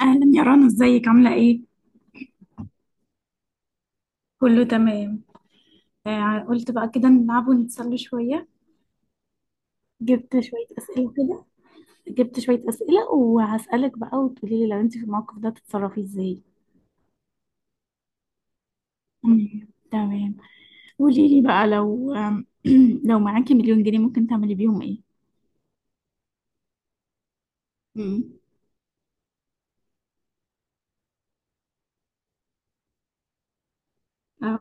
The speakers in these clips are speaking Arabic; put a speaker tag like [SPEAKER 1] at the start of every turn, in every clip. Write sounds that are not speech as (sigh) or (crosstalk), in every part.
[SPEAKER 1] أهلا يا رنا، ازيك؟ عاملة ايه؟ كله تمام. آه، قلت بقى كده نلعب ونتسلى شوية. جبت شوية أسئلة كده. جبت شوية أسئلة وهسألك بقى وتقولي لي لو انت في الموقف ده تتصرفي ازاي. تمام. قولي لي بقى، لو (clears throat) لو معاكي مليون جنيه ممكن تعملي بيهم ايه؟ مم. آه.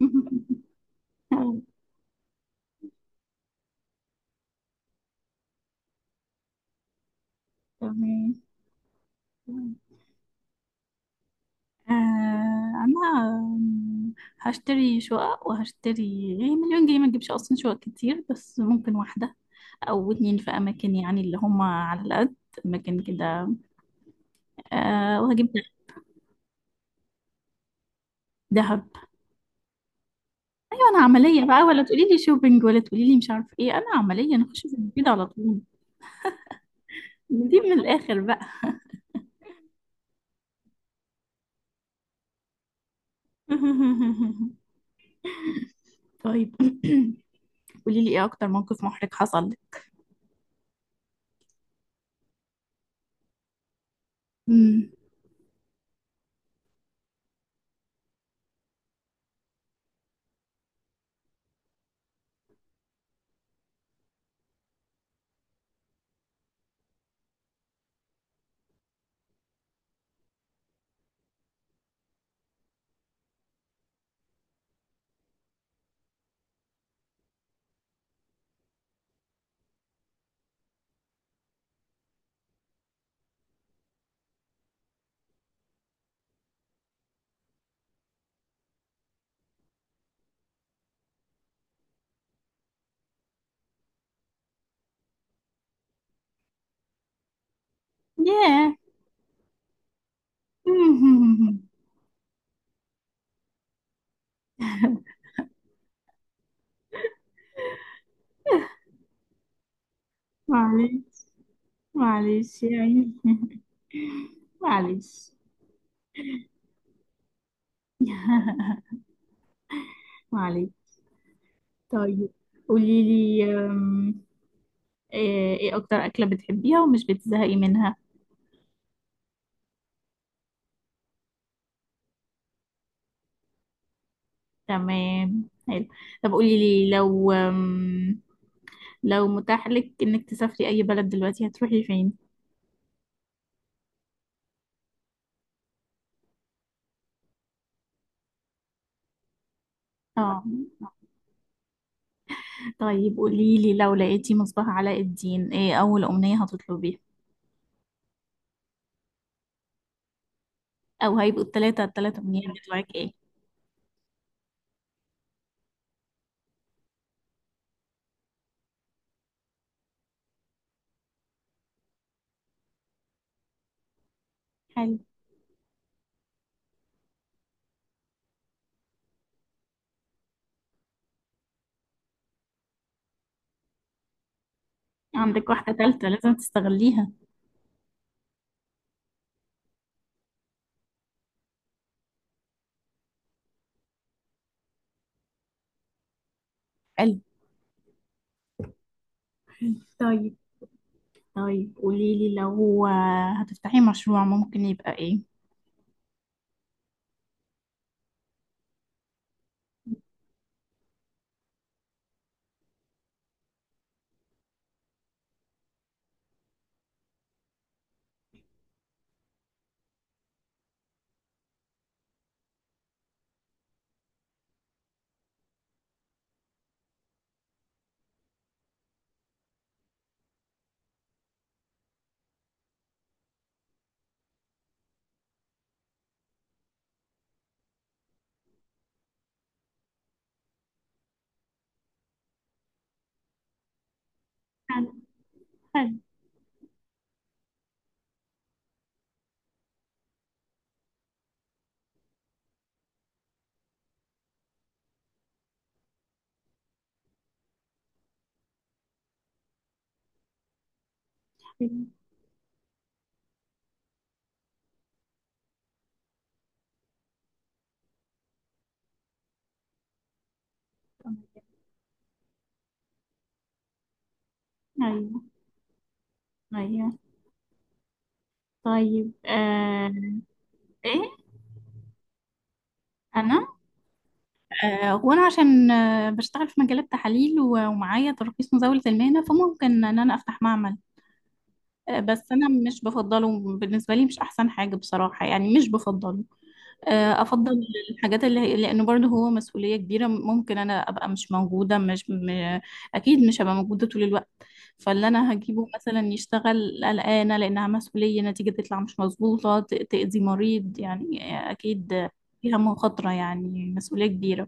[SPEAKER 1] (laughs) آه، تمام. آه، أنا آم، هشتري شقق، وهشتري يعني مليون جنيه ما تجيبش أصلا شقق كتير، بس ممكن واحدة او اتنين في اماكن يعني اللي هم على القد. اماكن كده. أه، دهب. ايوه، انا عمليه بقى، ولا تقولي لي شوبينج ولا تقولي لي مش عارف ايه، انا عمليه نخش في الجديد على طول. دي من الاخر بقى. (laughs) طيب، (clears throat) قولي لي ايه اكتر موقف محرج حصل (laughs) لك؟ مم. ياه. (laughs) معلش. معلش يعني. (laughs) معلش. (laughs) معلش. طيب، قولي لي ايه اكتر اكلة بتحبيها ومش بتزهقي منها؟ تمام، حلو. طب قولي لي، لو لو متاح لك انك تسافري اي بلد دلوقتي هتروحي فين؟ اه. طيب قولي لي، لو لقيتي مصباح علاء الدين، ايه اول امنية هتطلبيها؟ او هيبقوا التلات امنيات بتوعك ايه؟ حلو. عندك واحدة تالتة لازم تستغليها. حلو. طيب. طيب قولي لي، لو هتفتحي مشروع ممكن يبقى ايه؟ حلو. حلو. حلو. ايوه. ايوه. طيب. آه، ايه؟ انا؟ آه، وانا عشان آه، بشتغل في مجالات تحاليل ومعايا ترخيص مزاولة المهنة، فممكن ان انا افتح معمل. آه، بس انا مش بفضله، بالنسبة لي مش احسن حاجة بصراحة، يعني مش بفضله. آه، افضل الحاجات اللي هي، لان برضه هو مسؤوليه كبيره، ممكن انا ابقى مش موجوده، مش م... اكيد مش هبقى موجوده طول الوقت. فاللي انا هجيبه مثلا يشتغل قلقانه لانها مسؤوليه، نتيجه تطلع مش مظبوطه تاذي مريض يعني. اكيد. فيها مخاطره يعني، مسؤوليه كبيره.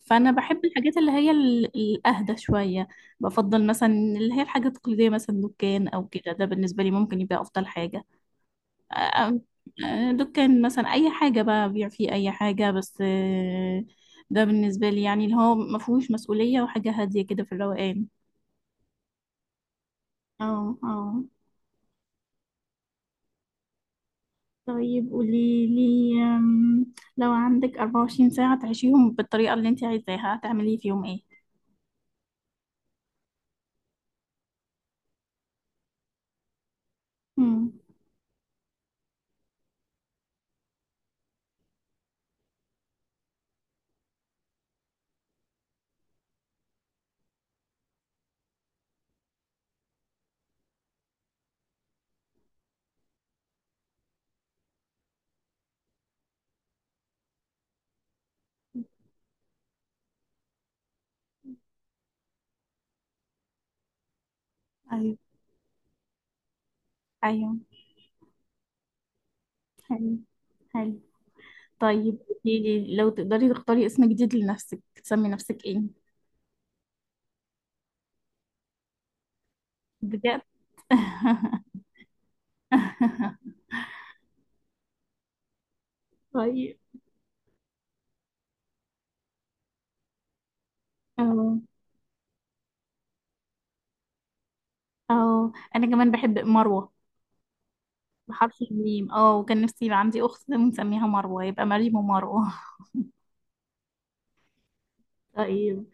[SPEAKER 1] فانا بحب الحاجات اللي هي الاهدى شويه. بفضل مثلا اللي هي الحاجات التقليديه، مثلا دكان او كده، ده بالنسبه لي ممكن يبقى افضل حاجه. آه، آه، دكان مثلا، اي حاجه بقى، بيع فيه اي حاجه، بس آه، ده بالنسبه لي يعني، اللي هو ما فيهوش مسؤوليه، وحاجه هاديه كده في الروقان. اه. اه. طيب قولي لي لو عندك 24 ساعة تعيشيهم بالطريقة اللي انت عايزاها، هتعملي فيهم ايه؟ امم. ايوه. ايوه. حلو. حلو. طيب، قولي لي لو تقدري تختاري اسم جديد لنفسك، تسمي نفسك ايه؟ بجد؟ (laughs) طيب. اه، اه، انا كمان بحب مروة، بحرف الميم. اه، وكان نفسي يبقى عندي اخت ونسميها مروة، يبقى مريم ومروة. (laughs) طيب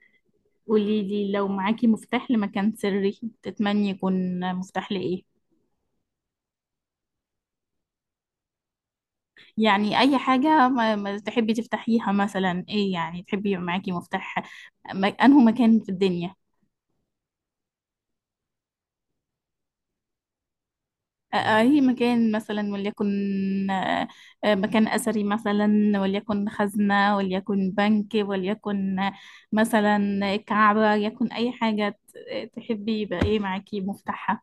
[SPEAKER 1] قولي لي، لو معاكي مفتاح لمكان سري، تتمني يكون مفتاح لايه؟ يعني اي حاجة ما تحبي تفتحيها، مثلا ايه يعني تحبي يبقى معاكي مفتاح، انه مكان في الدنيا. أي مكان مثلا، وليكن آه، آه، مكان أثري مثلا، وليكن خزنة، وليكن بنك، وليكن آه، مثلا كعبة، يكن أي حاجة تحبي يبقى إيه معاكي مفتاحها.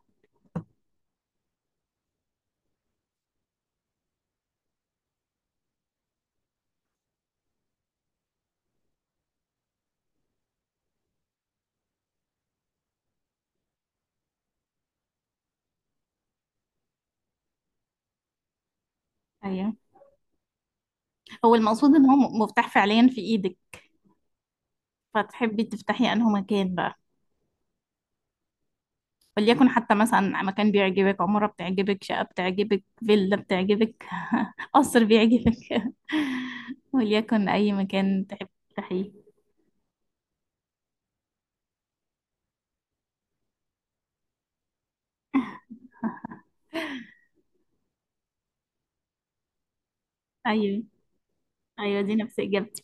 [SPEAKER 1] أيوة. هو المقصود إن هو مفتاح فعليا في إيدك، فتحبي تفتحي أنه مكان بقى، وليكن حتى مثلا مكان بيعجبك، عمارة بتعجبك، شقة بتعجبك، فيلا بتعجبك، (laughs) قصر بيعجبك. (laughs) وليكن أي مكان تحب تفتحيه. (laughs) أيوة. ايوه، دي نفس اجابتي.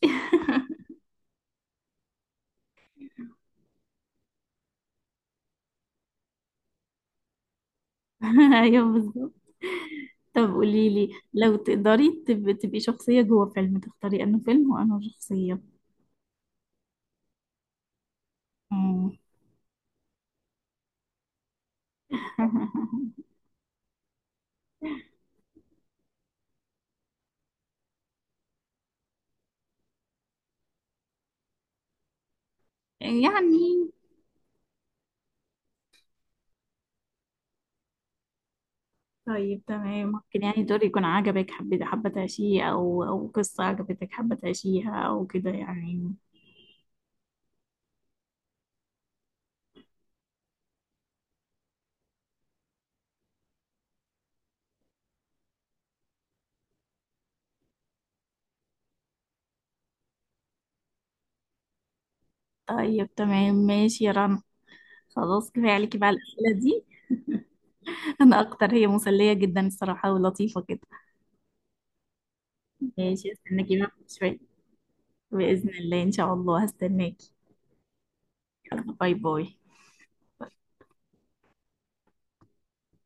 [SPEAKER 1] (laughs) ايوه، بالظبط. طب قولي لي، لو تقدري تبقي شخصية جوه فيلم، تختاري انه فيلم وانه شخصية؟ مم. (laughs) يعني. طيب تمام. ممكن يعني دور يكون عجبك، حبيت حابة تعيشيه، او قصة عجبتك حابة تعيشيها او كده يعني. طيب تمام، ماشي يا رنا. خلاص كفاية عليكي بقى الأسئلة دي. (laughs) أنا أكتر، هي مسلية جدا الصراحة، ولطيفة كده. ماشي، استناكي بقى شوية. بإذن الله، إن شاء الله هستناكي. باي باي.